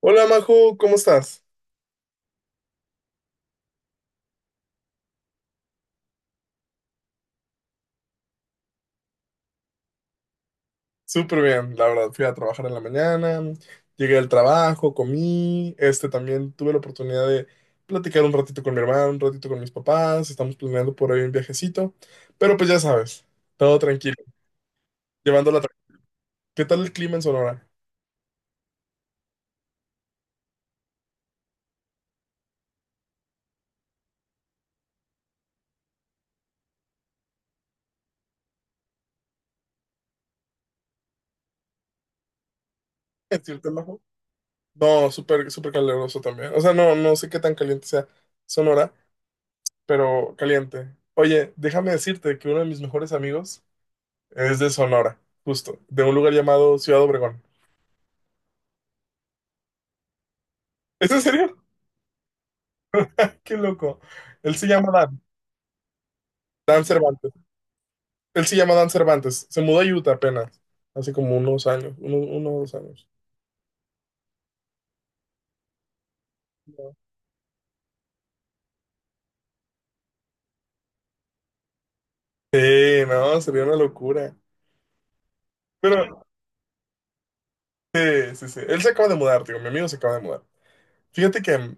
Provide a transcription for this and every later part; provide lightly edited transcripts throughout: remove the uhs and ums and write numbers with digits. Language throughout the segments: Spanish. Hola, Majo, ¿cómo estás? Súper bien, la verdad. Fui a trabajar en la mañana, llegué al trabajo, comí, este, también tuve la oportunidad de platicar un ratito con mi hermano, un ratito con mis papás. Estamos planeando por ahí un viajecito, pero pues ya sabes, todo tranquilo, llevándola tranquila. ¿Qué tal el clima en Sonora? ¿Es cierto, Majo? No, súper, súper caluroso también. O sea, no, no sé qué tan caliente sea Sonora, pero caliente. Oye, déjame decirte que uno de mis mejores amigos es de Sonora, justo, de un lugar llamado Ciudad Obregón. ¿Es en serio? Qué loco. Él se llama Dan Cervantes. Él se llama Dan Cervantes. Se mudó a Utah apenas, hace como unos años, uno o dos años. No. Sí, no, sería una locura. Pero sí, sí, sí. Él se acaba de mudar, digo, mi amigo se acaba de mudar. Fíjate que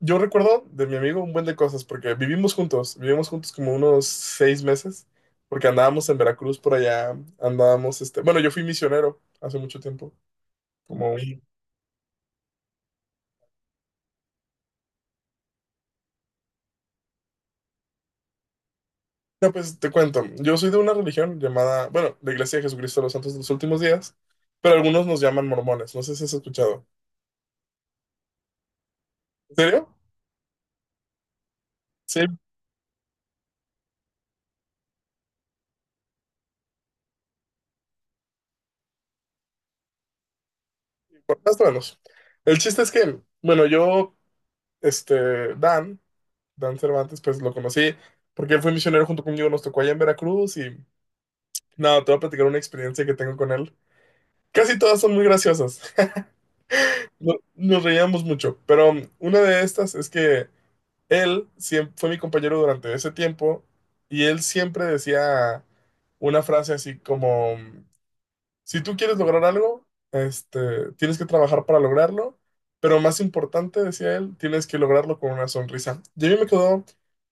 yo recuerdo de mi amigo un buen de cosas porque vivimos juntos como unos 6 meses, porque andábamos en Veracruz por allá. Andábamos, este, bueno, yo fui misionero hace mucho tiempo, como un no, pues te cuento. Yo soy de una religión llamada, bueno, la Iglesia de Jesucristo de los Santos de los Últimos Días, pero algunos nos llaman mormones. No sé si has escuchado. ¿En serio? Sí, más o menos. El chiste es que, bueno, yo, este, Dan, Cervantes, pues lo conocí porque él fue misionero junto conmigo. Nos tocó allá en Veracruz y nada, te voy a platicar una experiencia que tengo con él. Casi todas son muy graciosas. Nos reíamos mucho, pero una de estas es que fue mi compañero durante ese tiempo, y él siempre decía una frase así como, si tú quieres lograr algo, este, tienes que trabajar para lograrlo, pero más importante, decía él, tienes que lograrlo con una sonrisa. Y a mí me quedó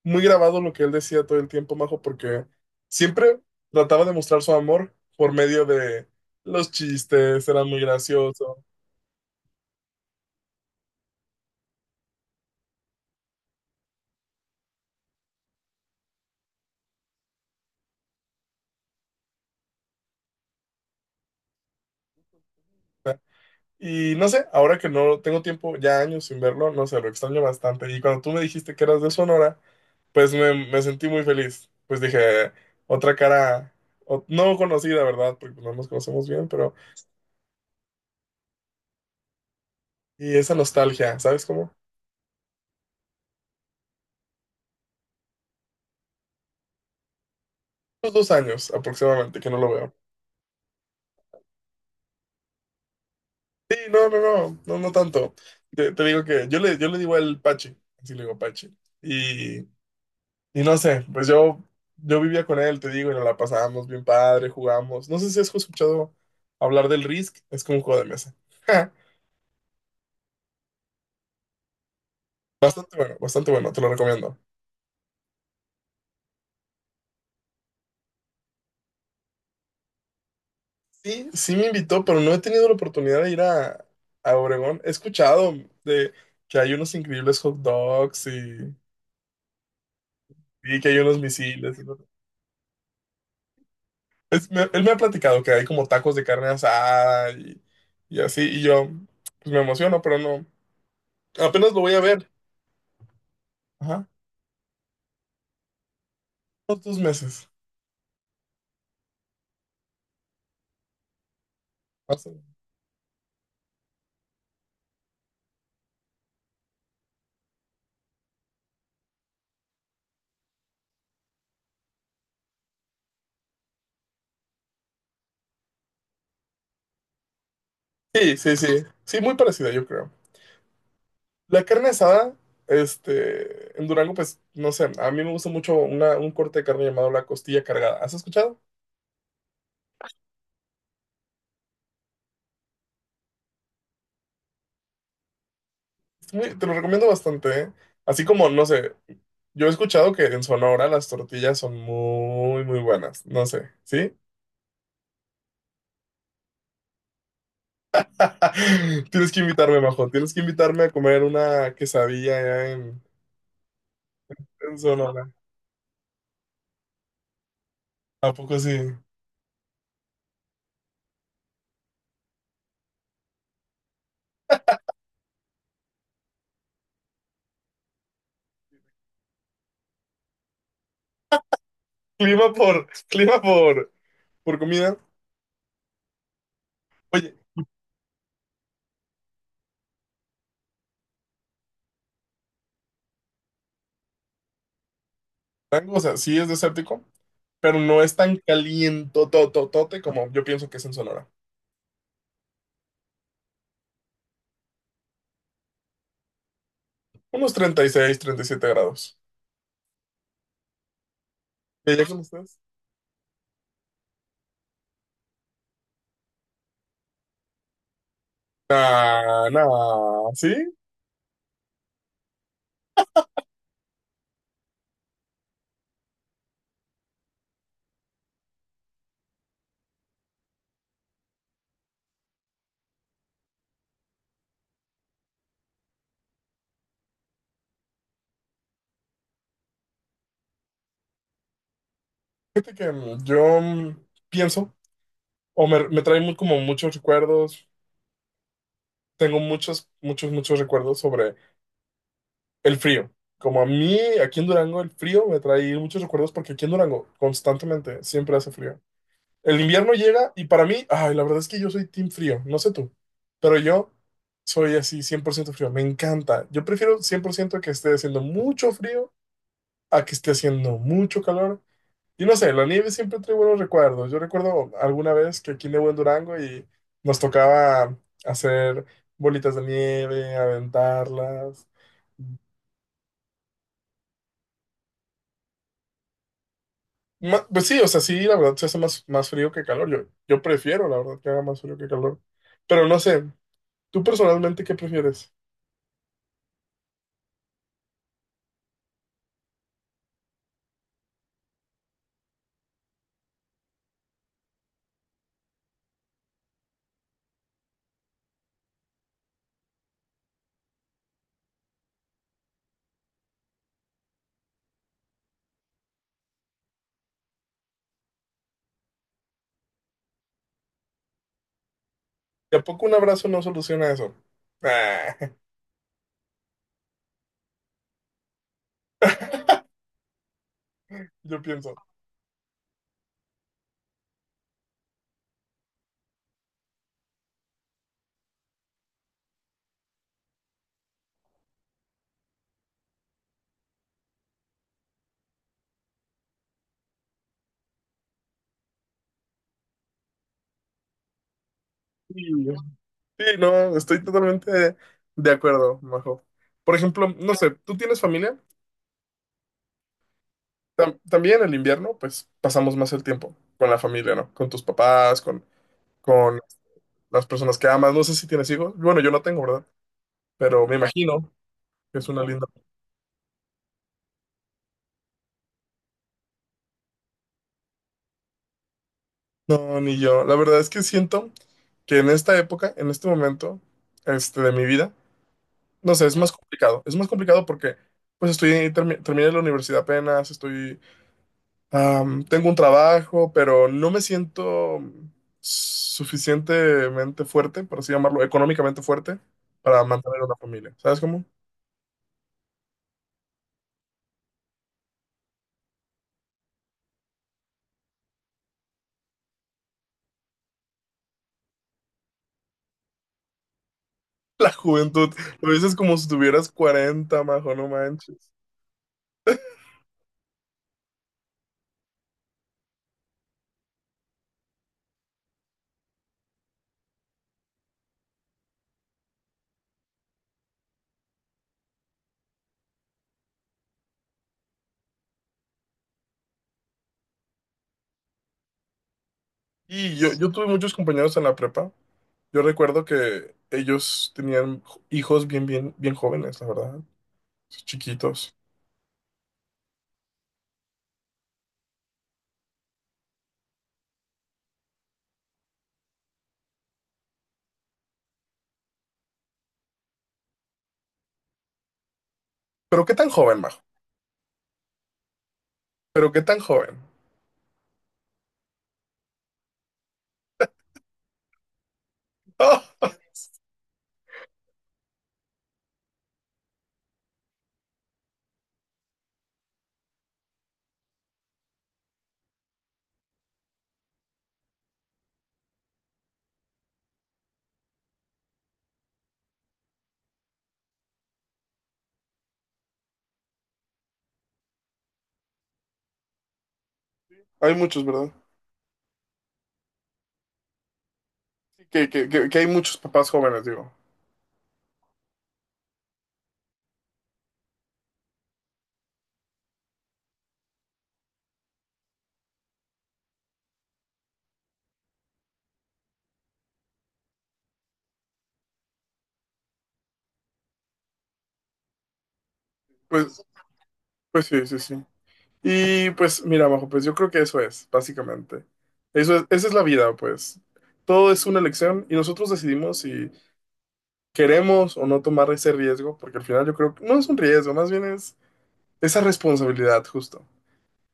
muy grabado lo que él decía todo el tiempo, Majo, porque siempre trataba de mostrar su amor por medio de los chistes. Era muy gracioso. Y no sé, ahora que no tengo tiempo, ya años sin verlo, no sé, lo extraño bastante. Y cuando tú me dijiste que eras de Sonora, pues me sentí muy feliz. Pues dije, otra cara no conocida, ¿verdad? Porque no nos conocemos bien, pero... Y esa nostalgia, ¿sabes cómo? Unos 2 años aproximadamente que no lo veo. Sí, no, no, no, no, no tanto. Te digo que yo le digo el Pachi, así le digo Pachi. Y no sé, pues yo vivía con él, te digo, y nos la pasábamos bien padre, jugamos. No sé si has escuchado hablar del Risk, es como un juego de mesa. Bastante bueno, te lo recomiendo. Sí, sí me invitó, pero no he tenido la oportunidad de ir a Obregón. He escuchado de que hay unos increíbles hot dogs, y que hay unos misiles. Y no. Él me ha platicado que hay como tacos de carne asada y así, y yo pues me emociono, pero no. Apenas lo voy a ver. Ajá, unos 2 meses. Sí, sí, sí. Sí, muy parecida, yo creo. La carne asada, este, en Durango, pues, no sé, a mí me gusta mucho un corte de carne llamado la costilla cargada. ¿Has escuchado? Te lo recomiendo bastante, ¿eh? Así como, no sé, yo he escuchado que en Sonora las tortillas son muy, muy buenas. No sé, ¿sí? Tienes que invitarme, Majo. Tienes que invitarme a comer una quesadilla allá en Sonora. ¿A poco sí? Clima por comida. Oye. Durango, o sea, sí es desértico, pero no es tan calientototote como yo pienso que es en Sonora. Unos 37 grados. ¿Y allá cómo estás? Nah, nah, sí. Fíjate que yo pienso, o me trae como muchos recuerdos. Tengo muchos, muchos, muchos recuerdos sobre el frío. Como a mí, aquí en Durango, el frío me trae muchos recuerdos porque aquí en Durango constantemente siempre hace frío. El invierno llega y para mí, ay, la verdad es que yo soy team frío, no sé tú, pero yo soy así 100% frío, me encanta. Yo prefiero 100% que esté haciendo mucho frío a que esté haciendo mucho calor. Y no sé, la nieve siempre trae buenos recuerdos. Yo recuerdo alguna vez que aquí nevó en Durango y nos tocaba hacer bolitas de nieve, aventarlas. Pues sí, o sea, sí, la verdad se hace más, más frío que calor. Yo prefiero, la verdad, que haga más frío que calor. Pero no sé, ¿tú personalmente qué prefieres? ¿Y a poco un abrazo no soluciona eso? Ah, yo pienso. Sí, sí, no, estoy totalmente de acuerdo, Majo. Por ejemplo, no sé, ¿tú tienes familia? También el invierno, pues pasamos más el tiempo con la familia, ¿no? Con tus papás, con, las personas que amas. No sé si tienes hijos. Bueno, yo no tengo, ¿verdad? Pero me imagino que es una linda. No, ni yo. La verdad es que siento que en esta época, en este momento, este, de mi vida, no sé, es más complicado. Es más complicado porque pues estoy terminé la universidad apenas, estoy tengo un trabajo, pero no me siento suficientemente fuerte, por así llamarlo, económicamente fuerte para mantener una familia. ¿Sabes cómo? La juventud, lo dices como si tuvieras 40, Majo, no manches. Y yo tuve muchos compañeros en la prepa. Yo recuerdo que ellos tenían hijos bien, bien, bien jóvenes, la verdad, chiquitos. Pero qué tan joven, Majo, pero qué tan joven. Ah, hay muchos, ¿verdad? Que hay muchos papás jóvenes, digo. Pues, pues sí, sí, sí. Y pues mira, Majo, pues yo creo que eso es, básicamente. Eso es, esa es la vida, pues. Todo es una elección y nosotros decidimos si queremos o no tomar ese riesgo, porque al final yo creo que no es un riesgo, más bien es esa responsabilidad, justo.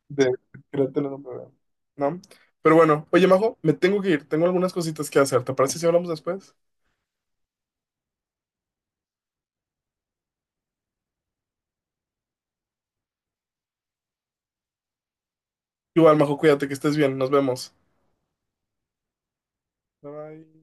De Crátelo no me veo, ¿no? Pero bueno, oye, Majo, me tengo que ir. Tengo algunas cositas que hacer. ¿Te parece si hablamos después? Igual, Majo, cuídate, que estés bien. Nos vemos. Bye bye.